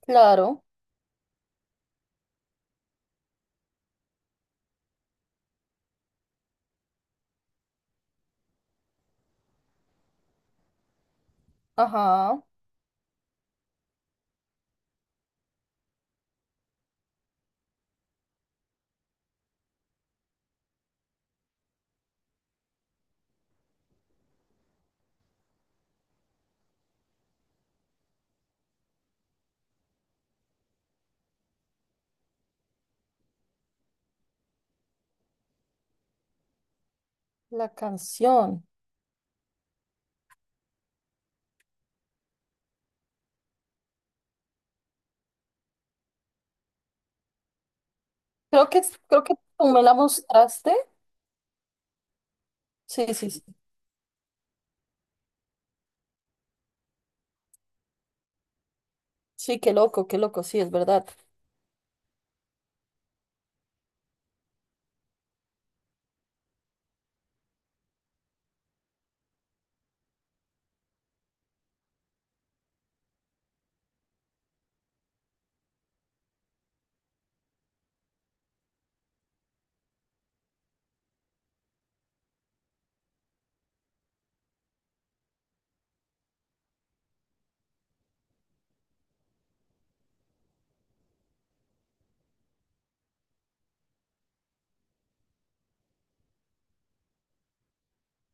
Claro, ajá, la canción. Creo que tú me la mostraste. Sí, sí, sí. Sí, qué loco, sí, es verdad.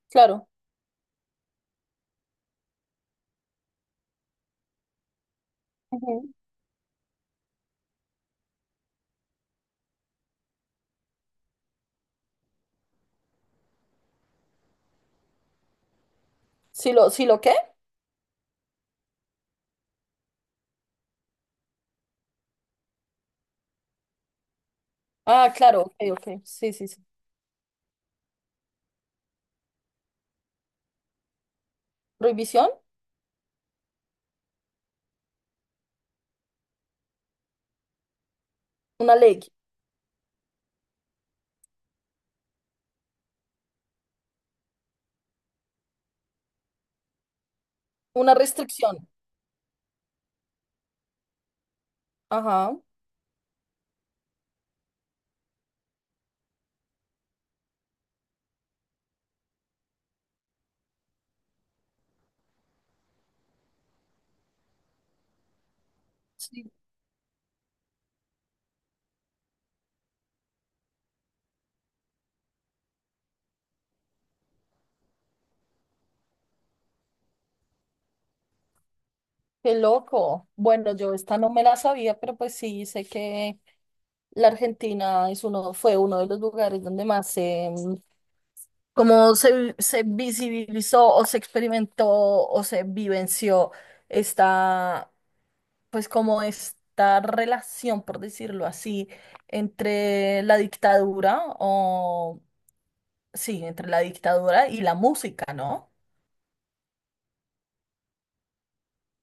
Claro. Ujú. Sí lo qué? Ah, claro, ok, ok. Sí, sí, sí. Prohibición, una ley, una restricción. Ajá. Sí, qué loco. Bueno, yo esta no me la sabía, pero pues sí, sé que la Argentina es uno, fue uno de los lugares donde más se cómo se, se visibilizó o se experimentó o se vivenció esta, pues como esta relación, por decirlo así, entre la dictadura o, sí, entre la dictadura y la música, ¿no?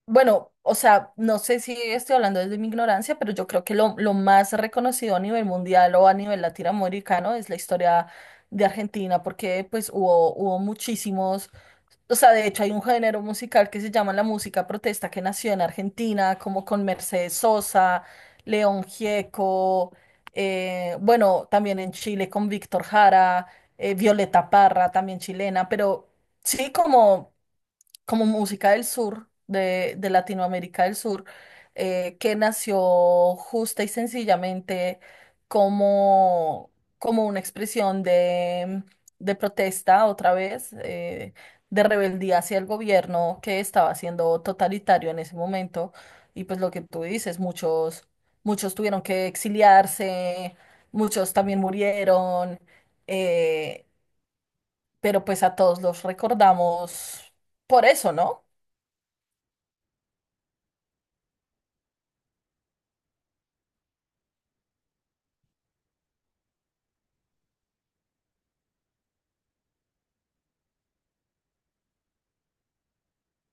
Bueno, o sea, no sé si estoy hablando desde mi ignorancia, pero yo creo que lo más reconocido a nivel mundial o a nivel latinoamericano es la historia de Argentina, porque pues hubo, hubo muchísimos. O sea, de hecho hay un género musical que se llama la música protesta que nació en Argentina, como con Mercedes Sosa, León Gieco, bueno, también en Chile con Víctor Jara, Violeta Parra, también chilena, pero sí como como música del sur, de Latinoamérica del Sur, que nació justa y sencillamente como, como una expresión de protesta otra vez, de rebeldía hacia el gobierno que estaba siendo totalitario en ese momento. Y pues lo que tú dices, muchos, muchos tuvieron que exiliarse, muchos también murieron, eh, pero pues a todos los recordamos por eso, ¿no?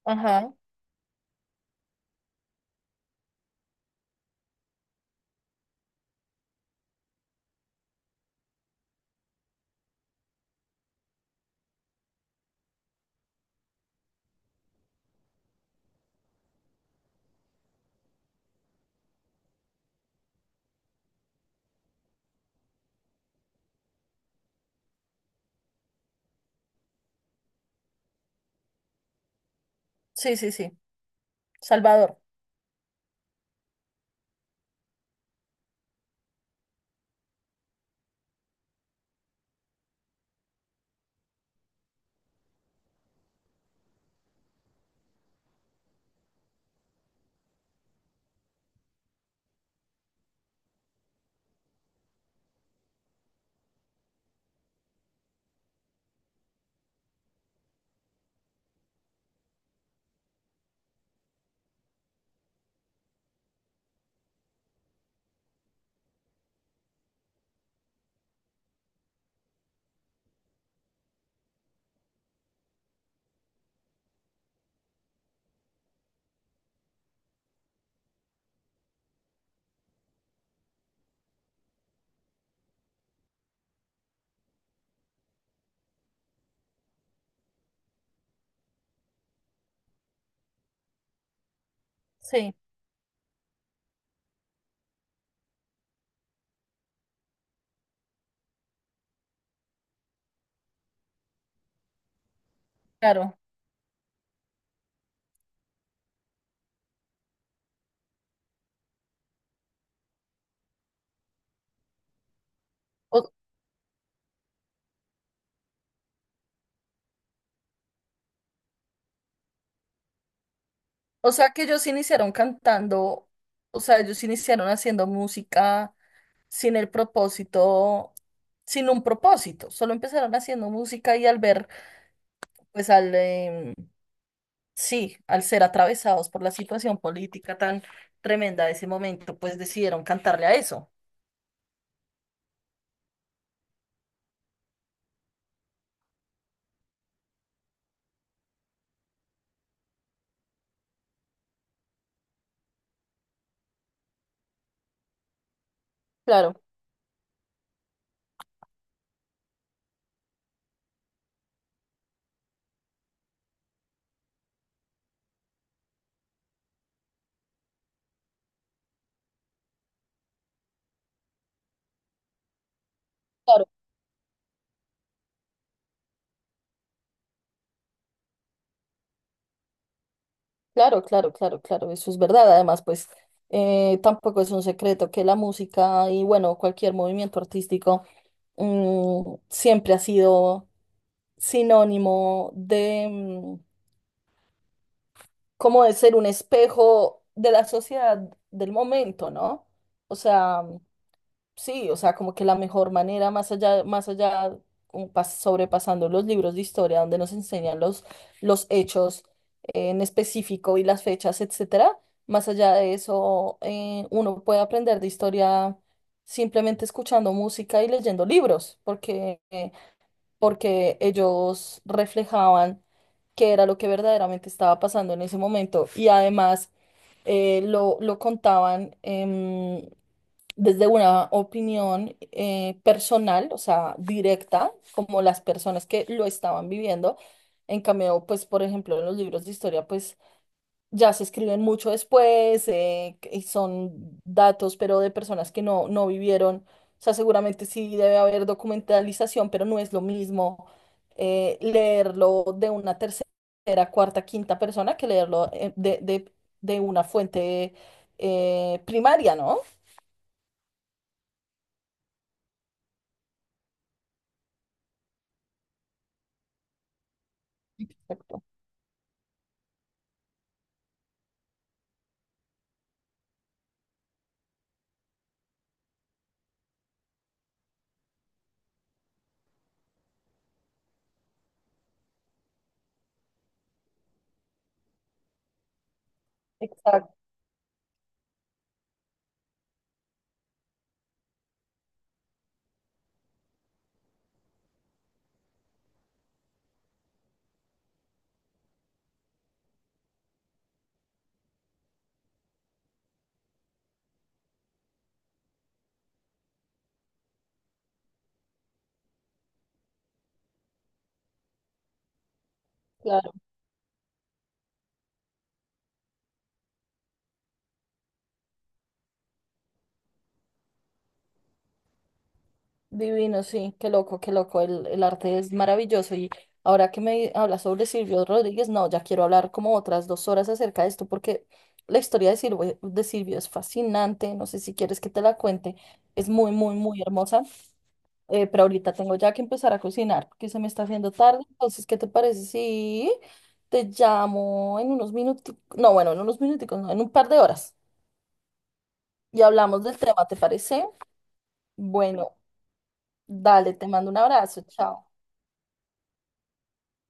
Ajá, sí, sí, sí. Salvador, sí, claro. O, o sea que ellos iniciaron cantando, o sea, ellos iniciaron haciendo música sin el propósito, sin un propósito. Solo empezaron haciendo música y al ver, pues sí, al ser atravesados por la situación política tan tremenda de ese momento, pues decidieron cantarle a eso. Claro, claro. Claro, claro, claro, claro, eso es verdad. Además, pues tampoco es un secreto que la música y bueno, cualquier movimiento artístico siempre ha sido sinónimo de, cómo es ser un espejo de la sociedad del momento, ¿no? O sea, sí, o sea, como que la mejor manera, más allá, sobrepasando los libros de historia, donde nos enseñan los hechos en específico y las fechas, etcétera, más allá de eso, uno puede aprender de historia simplemente escuchando música y leyendo libros, porque, porque ellos reflejaban qué era lo que verdaderamente estaba pasando en ese momento. Y además, lo contaban desde una opinión personal, o sea, directa, como las personas que lo estaban viviendo. En cambio, pues, por ejemplo, en los libros de historia, pues ya se escriben mucho después, y son datos, pero de personas que no vivieron. O sea, seguramente sí debe haber documentalización, pero no es lo mismo leerlo de una tercera, cuarta, quinta persona que leerlo de una fuente primaria, ¿no? Exacto. Exacto. Divino, sí, qué loco, el arte es maravilloso y ahora que me hablas sobre Silvio Rodríguez, no, ya quiero hablar como otras 2 horas acerca de esto porque la historia de Silvio es fascinante, no sé si quieres que te la cuente, es muy, muy, muy hermosa, pero ahorita tengo ya que empezar a cocinar porque se me está haciendo tarde, entonces, ¿qué te parece si te llamo en unos minutos, no, bueno, en unos minuticos, no, en un par de horas y hablamos del tema, ¿te parece? Bueno, dale, te mando un abrazo, chao.